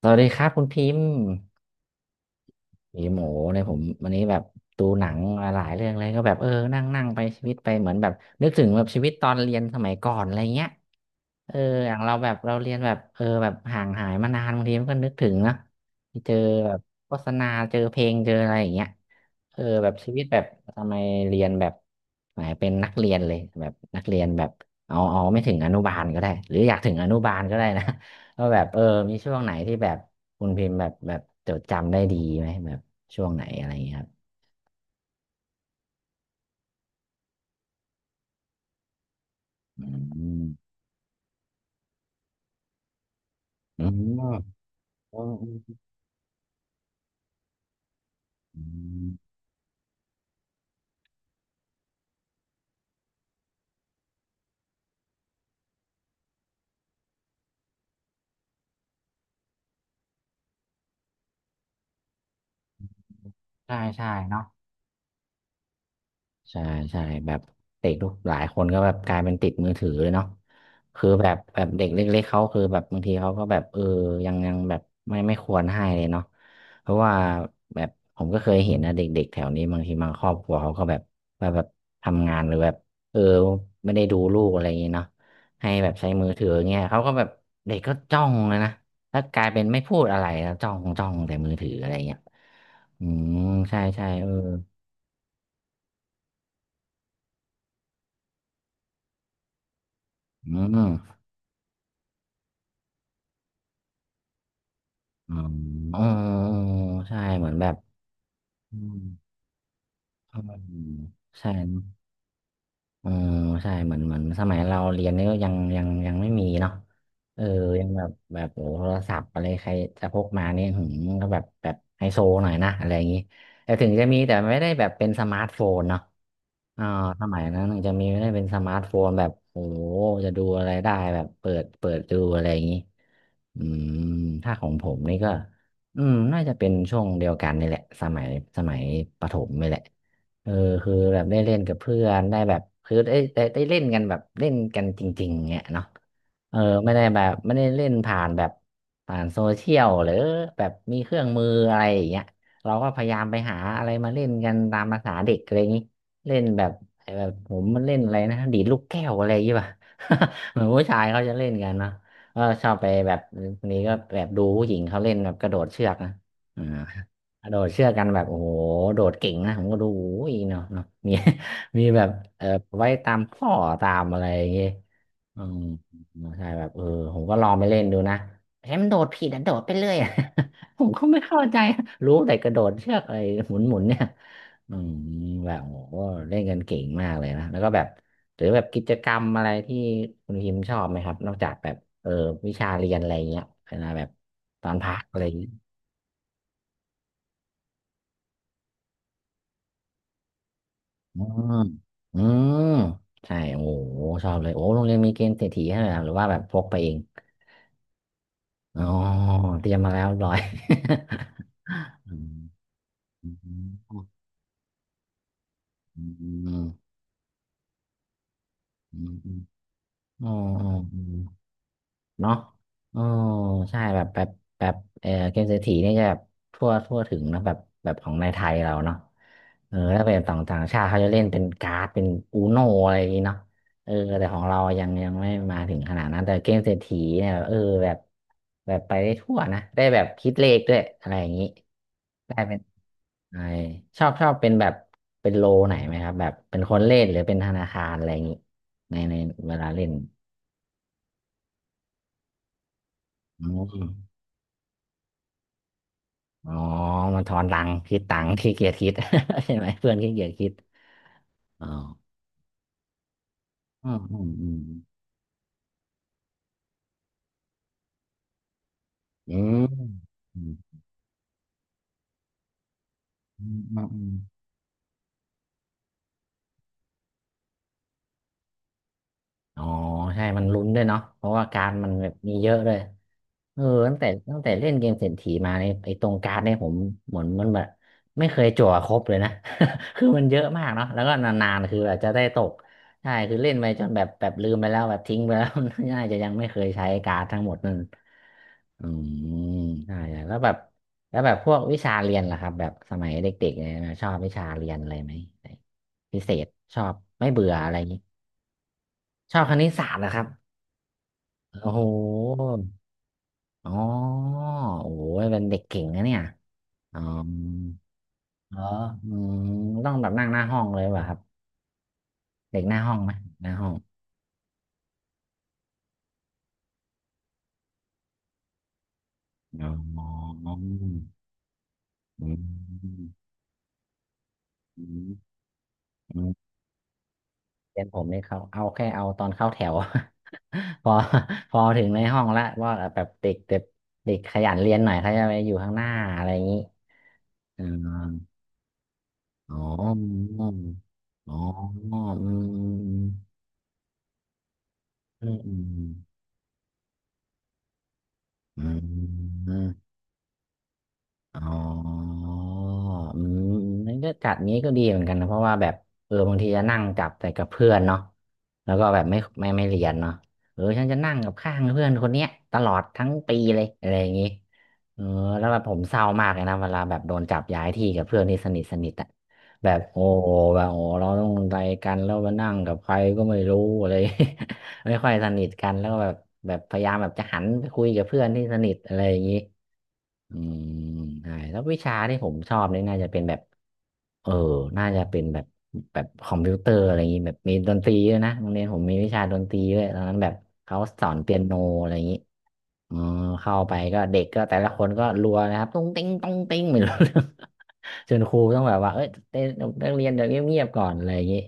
สวัสดีครับคุณพิมพ์ ผีหมูเนี่ยผมวันนี้แบบดูหนังมาหลายเรื่องเลยก็แบบเออนั่งนั่งไปชีวิตไปเหมือนแบบนึกถึงแบบชีวิตตอนเรียนสมัยก่อนอะไรเงี้ยเอออย่างเราแบบเราเรียนแบบเออแบบห่างหายมานานบางทีมันก็นึกถึงนะที่เจอแบบโฆษณาเจอเพลงเจออะไรอย่างเงี้ยเออแบบชีวิตแบบทำไมเรียนแบบไหนเป็นนักเรียนเลยแบบนักเรียนแบบเอาไม่ถึงอนุบาลก็ได้หรืออยากถึงอนุบาลก็ได้นะ ว่าแบบเออมีช่วงไหนที่แบบคุณพิมพ์แบบจดจำได้ดีไหมแบบ ช่วงไหนอะไรอย่างเงี้ยครับอืมอืมอืมอืมใช่ใช่เนาะ ใช่ใช่แบบเด็กทุกหลายคนก็แบบกลายเป็นติดมือถือเลยเนาะคือแบบเด็กเล็กๆเขาคือแบบบางทีเขาก็แบบเออยังแบบไม่ควรให้เลยเนาะเพราะว่าแบบผมก็เคยเห็นนะเด็กๆแถวนี้บางทีบางครอบครัวเขาก็แบบแบบทำงานหรือแบบเออไม่ได้ดูลูกอะไรอย่างเงี้เนาะให้แบบใช้มือถือเงี้ยเขาก็แบบเด็กก็จ้องเลยนะแล้วกลายเป็นไม่พูดอะไรแล้วจ้องจ้องแต่มือถืออะไรเงี้ยอืมใช่ใช่เอออืม อ๋ออ๋อใช่เหมือนแบบอืมอืมใช่อ๋อใช่เหมือนเหมือนสมัยเราเรียนนี่ก็ยังไม่มีเนาะเออยังแบบโอ้โทรศัพท์อะไรใครจะพกมาเนี่ยหืมก็แบบไฮโซหน่อยนะอะไรอย่างนี้แต่ถึงจะมีแต่ไม่ได้แบบเป็นสมาร์ทโฟนเนาะ อ่าสมัยนั้นมันจะมีไม่ได้เป็นสมาร์ทโฟนแบบโอ้โหจะดูอะไรได้แบบเปิดดูอะไรอย่างนี้อืมถ้าของผมนี่ก็อืมน่าจะเป็นช่วงเดียวกันนี่แหละสมัยสมัยประถมนี่แหละเออคือแบบได้เล่นกับเพื่อนได้แบบคือได้เล่นกันแบบเล่นกันจริงๆเนี่ยเนาะเออไม่ได้แบบไม่ได้เล่นผ่านแบบผ่านโซเชียลหรือแบบมีเครื่องมืออะไรอย่างเงี้ยเราก็พยายามไปหาอะไรมาเล่นกันตามภาษาเด็กอะไรอย่างนี้ เล่นแบบไอ้แบบผมมันเล่นอะไรนะดีดลูกแก้วอะไรอย่างเงี้ยป่ะ เหมือนผู้ชายเขาจะเล่นกันเนาะก็ชอบไปแบบนี้ก็แบบดูผู้หญิงเขาเล่นแบบกระโดดเชือกนะอ่ากระโดดเชือกกันแบบโอ้โหโดดเก่งนะผมก็ดูโอ้ยเนาะเนาะมี มีแบบเออไว้ตามข้อตามอะไรอย่างเงี้ยอืมใช่แบบเออผมก็ลองไปเล่นดูนะเฮ้ยมันโดดผิดอะโดดไปเรื่อยอะ ผมก็ไม่เข้าใจรู้แต่กระโดดเชือกอะไรหมุนหมุนเนี่ย อืมแบบโอ้โหเล่นกันเก่งมากเลยนะแล้วก็แบบหรือแบบกิจกรรมอะไรที่คุณพิมพ์ชอบไหมครับนอกจากแบบเออวิชาเรียนอะไรเงี้ยเวลาแบบตอนพักอะไรอย่างเงี้ยอืมอืมใช่โอ้โหชอบเลยโอ้โรงเรียนมีเกมเศรษฐีให้ด้วยเหรอหรือว่าแบบพกไปเองอ๋อเตรียมมาแล้วเรียบร้อย อืมอืมอืมอืมอืมอืมอืม เนาะเออใช่แบบแบบเออเกมเศรษฐีนี่จะแบบทั่วถึงเนอะแบบแบบของในไทยเราเนาะเออถ้าเป็นต่างต่างชาติเขาจะเล่นเป็นการ์ดเป็นอูโนอะไรอย่างงี้เนาะเออแต่ของเรายังยังไม่มาถึงขนาดนั้นแต่เกมเศรษฐีเนี่ยเออแบบแบบไปได้ทั่วนะได้แบบคิดเลขด้วยอะไรอย่างงี้ได้เป็นไอชอบเป็นแบบเป็นโลไหนไหมครับแบบเป็นคนเล่นหรือเป็นธนาคารอะไรอย่างงี้ในในเวลาเล่นอืม อ๋อมันทอนตังค์คิดตังค์ขี้เกียจคิด ใช่ไหมเพื่อนขี้เกียจคิดอ๋ออืมอืมอืมอืมอืมอืมอืม อ๋อใช่มันลุ้นด้วยเนาะเพราะว่าการดมันแบบมีเยอะเลยเออตั้งแต่เล่นเกมเศรษฐีมาในยไอ้ตรงการ์ดเนี่ยผมเหมือนมันแบบไม่เคยจั่วครบเลยนะ คือมันเยอะมากเนาะแล้วก็นานๆคืออาจจะได้ตกใช่คือเล่นไปจนแบบแบบลืมไปแล้วแบบทิ้งไปแล้ว น่าจะยังไม่เคยใช้การ์ดทั้งหมดนั่นอืมใช่ใช่แล้วแบบแล้วแบบพวกวิชาเรียนล่ะครับแบบสมัยเด็กๆเนี่ยชอบวิชาเรียนอะไรไหมพิเศษชอบไม่เบื่ออะไรอย่างนี้ชอบคณิตศาสตร์นะครับ โอ้โหอ๋อโอ้ยเป็นเด็กเก่งนะเนี่ยอ๋อเอออืมต้องแบบนั่งหน้าห้องเลยป่ะครับเด็กหน้าห้องไหมหน้าห้องอ๋ออืมอืมอืมเรียนผมนี่เขาเอาแค่เอาตอนเข้าแถว พอพอถึงในห้องละว่าแบบเด็กเด็กเด็กขยันเรียนหน่อยเขาจะไปอยู่ข้างหน้าอะไรอย่างนี้อ๋ออ๋ออ๋ออืมอืมอืม อืมอ๋ออืมนั่นก็จัดงี้ก็ดีเหมือนกันนะเพราะว่าแบบเออบางทีจะนั่งจับแต่กับเพื่อนเนาะแล้วก็แบบไม่เรียนเนาะเออฉันจะนั่งกับข้างเพื่อนคนเนี้ยตลอดทั้งปีเลยอะไรอย่างงี้เออแล้วแบบผมเศร้ามากเลยนะเวลาแบบโดนจับย้ายที่กับเพื่อนที่สนิทสนิทอะแบบโอ้โหแบบโอ้เราต้องอะไรกันแล้วมานั่งกับใครก็ไม่รู้อะไร ไม่ค่อยสนิทกันแล้วก็แบบแบบพยายามแบบจะหันไปคุยกับเพื่อนที่สนิทอะไรอย่างงี้ อืมใช่แล้ววิชาที่ผมชอบนี่น่าจะเป็นแบบ เออ น่าจะเป็นแบบ แบบคอมพิวเตอร์อะไรอย่างนี้ แบบมีดนตรีด้วยนะโรงเรียนผมมีวิชาดนตรีด้วยตอนนั้นแบบเขาสอนเปียโนอะไรอย่างนี้ อมเข้าไปก็เด็กก็แต่ละคนก็รัวนะครับตุ้งติ้งตุ้งติ้งไม่รู้เรื่อง จนครูต้องแบบว่าเอ้ยเต้นนักเรียนเดี๋ยวเงียบๆก่อนอะไรอย่างงี้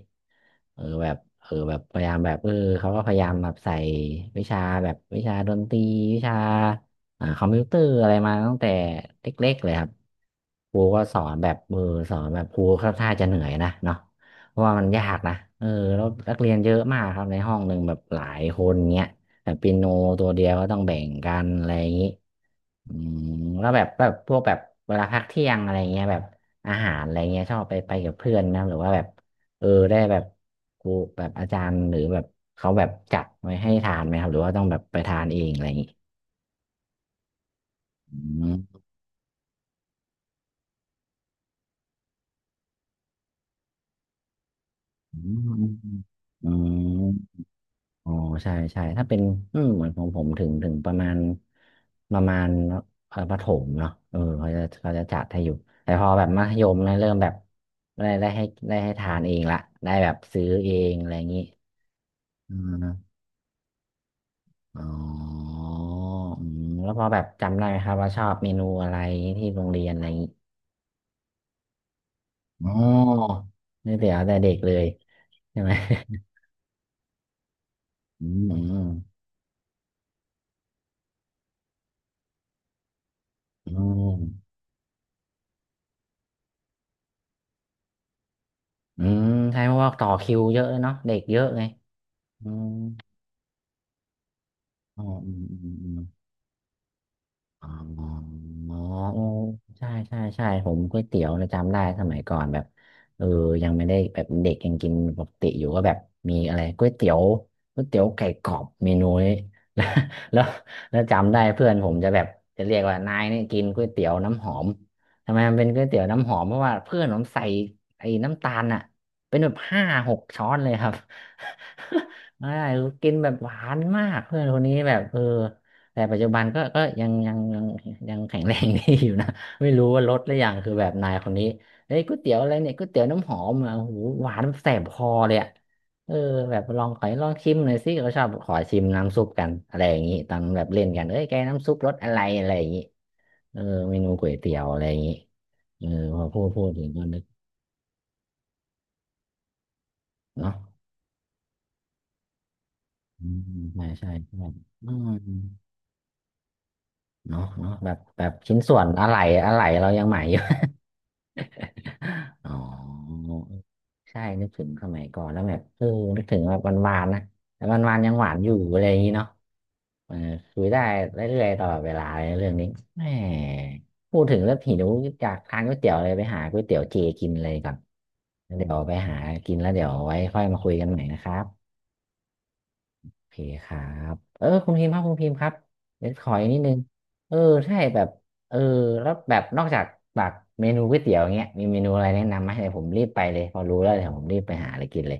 เออแบบเออแบบพยายามแบบเออเขาก็พยายามแบบใส่วิชาแบบวิชาดนตรีวิชาคอมพิวเตอร์อะไรมาตั้งแต่เล็กๆเลยครับครูก็สอนแบบมืออสอนแบบครูค่อนข้างจะเหนื่อยนะเนาะเพราะว่ามันยากนะเออแล้วนักเรียนเยอะมากครับในห้องหนึ่งแบบหลายคนเงี้ย แต่เปียโนตัวเดียวก็ต้องแบ่งกันอะไรอย่างนี้อืมแล้วแบบแบบพวกแบบเวลาพักเที่ยงอะไรเงี้ยแบบอาหารอะไรเงี้ยชอบไปกับเพื่อนนะหรือว่าแบบเออได้แบบครูแบบอาจารย์หรือแบบเขาแบบจัดไว้ให้ทานไหมครับหรือว่าต้องแบบไปทานเองอะไรอย่างนี้อืมอืมอืม อ๋อใช่ใช่ถ้าเป็นอืมเหมือนของผมถึงประมาณประมาณประถมเนาะเออเขาจะจัดให้อยู่แต่พอแบบมัธยมเนี่ยเริ่มแบบได้ได้ให้ได้ให้ทานเองละได้แบบซื้อเองอะไรอย่างนี้อืมอ๋ออืมแล้วพอแบบจำได้ไหมครับว่าชอบเมนูอะไรที่โรงเรียนอะไรอย่างนี้อ๋อนี่เดี๋ยวแต่เด็กเลยใช่ไหม อืมอืมอืมอืมใช่เพราะว่าต่อคิวเยอะเเนาะเด็กเยอะไงอืม อ๋ออืมอืมอืมอ๋ออ๋อโอ้ใช่ใช่ใช่ผมก๋วยเตี๋ยวนะจำได้สมัยก่อนแบบเออยังไม่ได้แบบเด็กยังกินปกติอยู่ก็แบบมีอะไรก๋วยเตี๋ยวก๋วยเตี๋ยวไก่กรอบเมนูนี้ แล้วแล้วแล้วจำได้เพื่อนผมจะแบบจะเรียกว่านายเนี่ยกินก๋วยเตี๋ยวน้ำหอมทำไมมันเป็นก๋วยเตี๋ยวน้ำหอมเพราะว่าเพื่อนผมใส่ไอ้น้ำตาลอ่ะเป็นแบบห้าหกช้อนเลยครับ ใช่กินแบบหวานมากเพื่อนคนนี้แบบเออ แต่ปัจจุบันก็ยังแข็งแรงดีอยู่นะ ไม่รู้ว่าลดหรือยังคือแบบนายคนนี้เฮ้ยก๋วยเตี๋ยวอะไรเนี่ยก๋วยเตี๋ยวน้ำหอมอ่ะโอ้โหหวานแสบคอเลยอ่ะเออแบบลองขอให้ลองชิมหน่อยสิเขาชอบขอชิมน้ำซุปกันอะไรอย่างงี้ตอนแบบเล่นกันเอ้ยแกน้ำซุปรสอะไรอะไรอย่างงี้เออเมนูก๋วยเตี๋ยวอะไรอย่างงี้เออพอพูดถึงก็นึกเนาะอืมใช่ใช่ใช่อืมเนาะแบบแบบชิ้นส่วนอะไหล่อะไหล่เรายังใหม่อยู่ อ๋อใช่นึกถึงสมัยก่อนแล้วแบบเออนึกถึงแบบวันวานๆนะแต่วันวานๆยังหวานอยู่อะไรอย่างนี้เนาะเออคุยได้เรื่อยๆตลอดเวลาเลยเรื่องนี้แหมพูดถึงแล้วหิวอยากทานก๋วยเตี๋ยวเลยไปหาก๋วยเตี๋ยวเจกินเลยก่อนแล้วเดี๋ยวไปหากินแล้วเดี๋ยวไว้ค่อยมาคุยกันใหม่นะครับ โอเคครับเออคุณพิมพ์ครับคุณพิมพ์ครับ เดี๋ยวขออีกนิดนึง เออใช่แบบ เออแล้วแบบนอกจากแบบเมนูก๋วยเตี๋ยวอเงี้ยมีเมนูอะไรแนะนำไหมเดี๋ยวผมรีบไปเลยพอรู้แล้วเดี๋ยวผมรีบไปหาอะไรกินเลย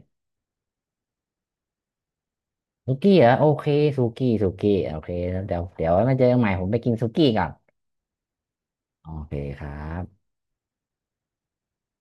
สุกี้เหรอโอเคสุกี้สุกี้โอเคแล้วเดี๋ยวไว้มาเจอกันใหม่ผมไปกินสุกี้ก่อนโอเคครับ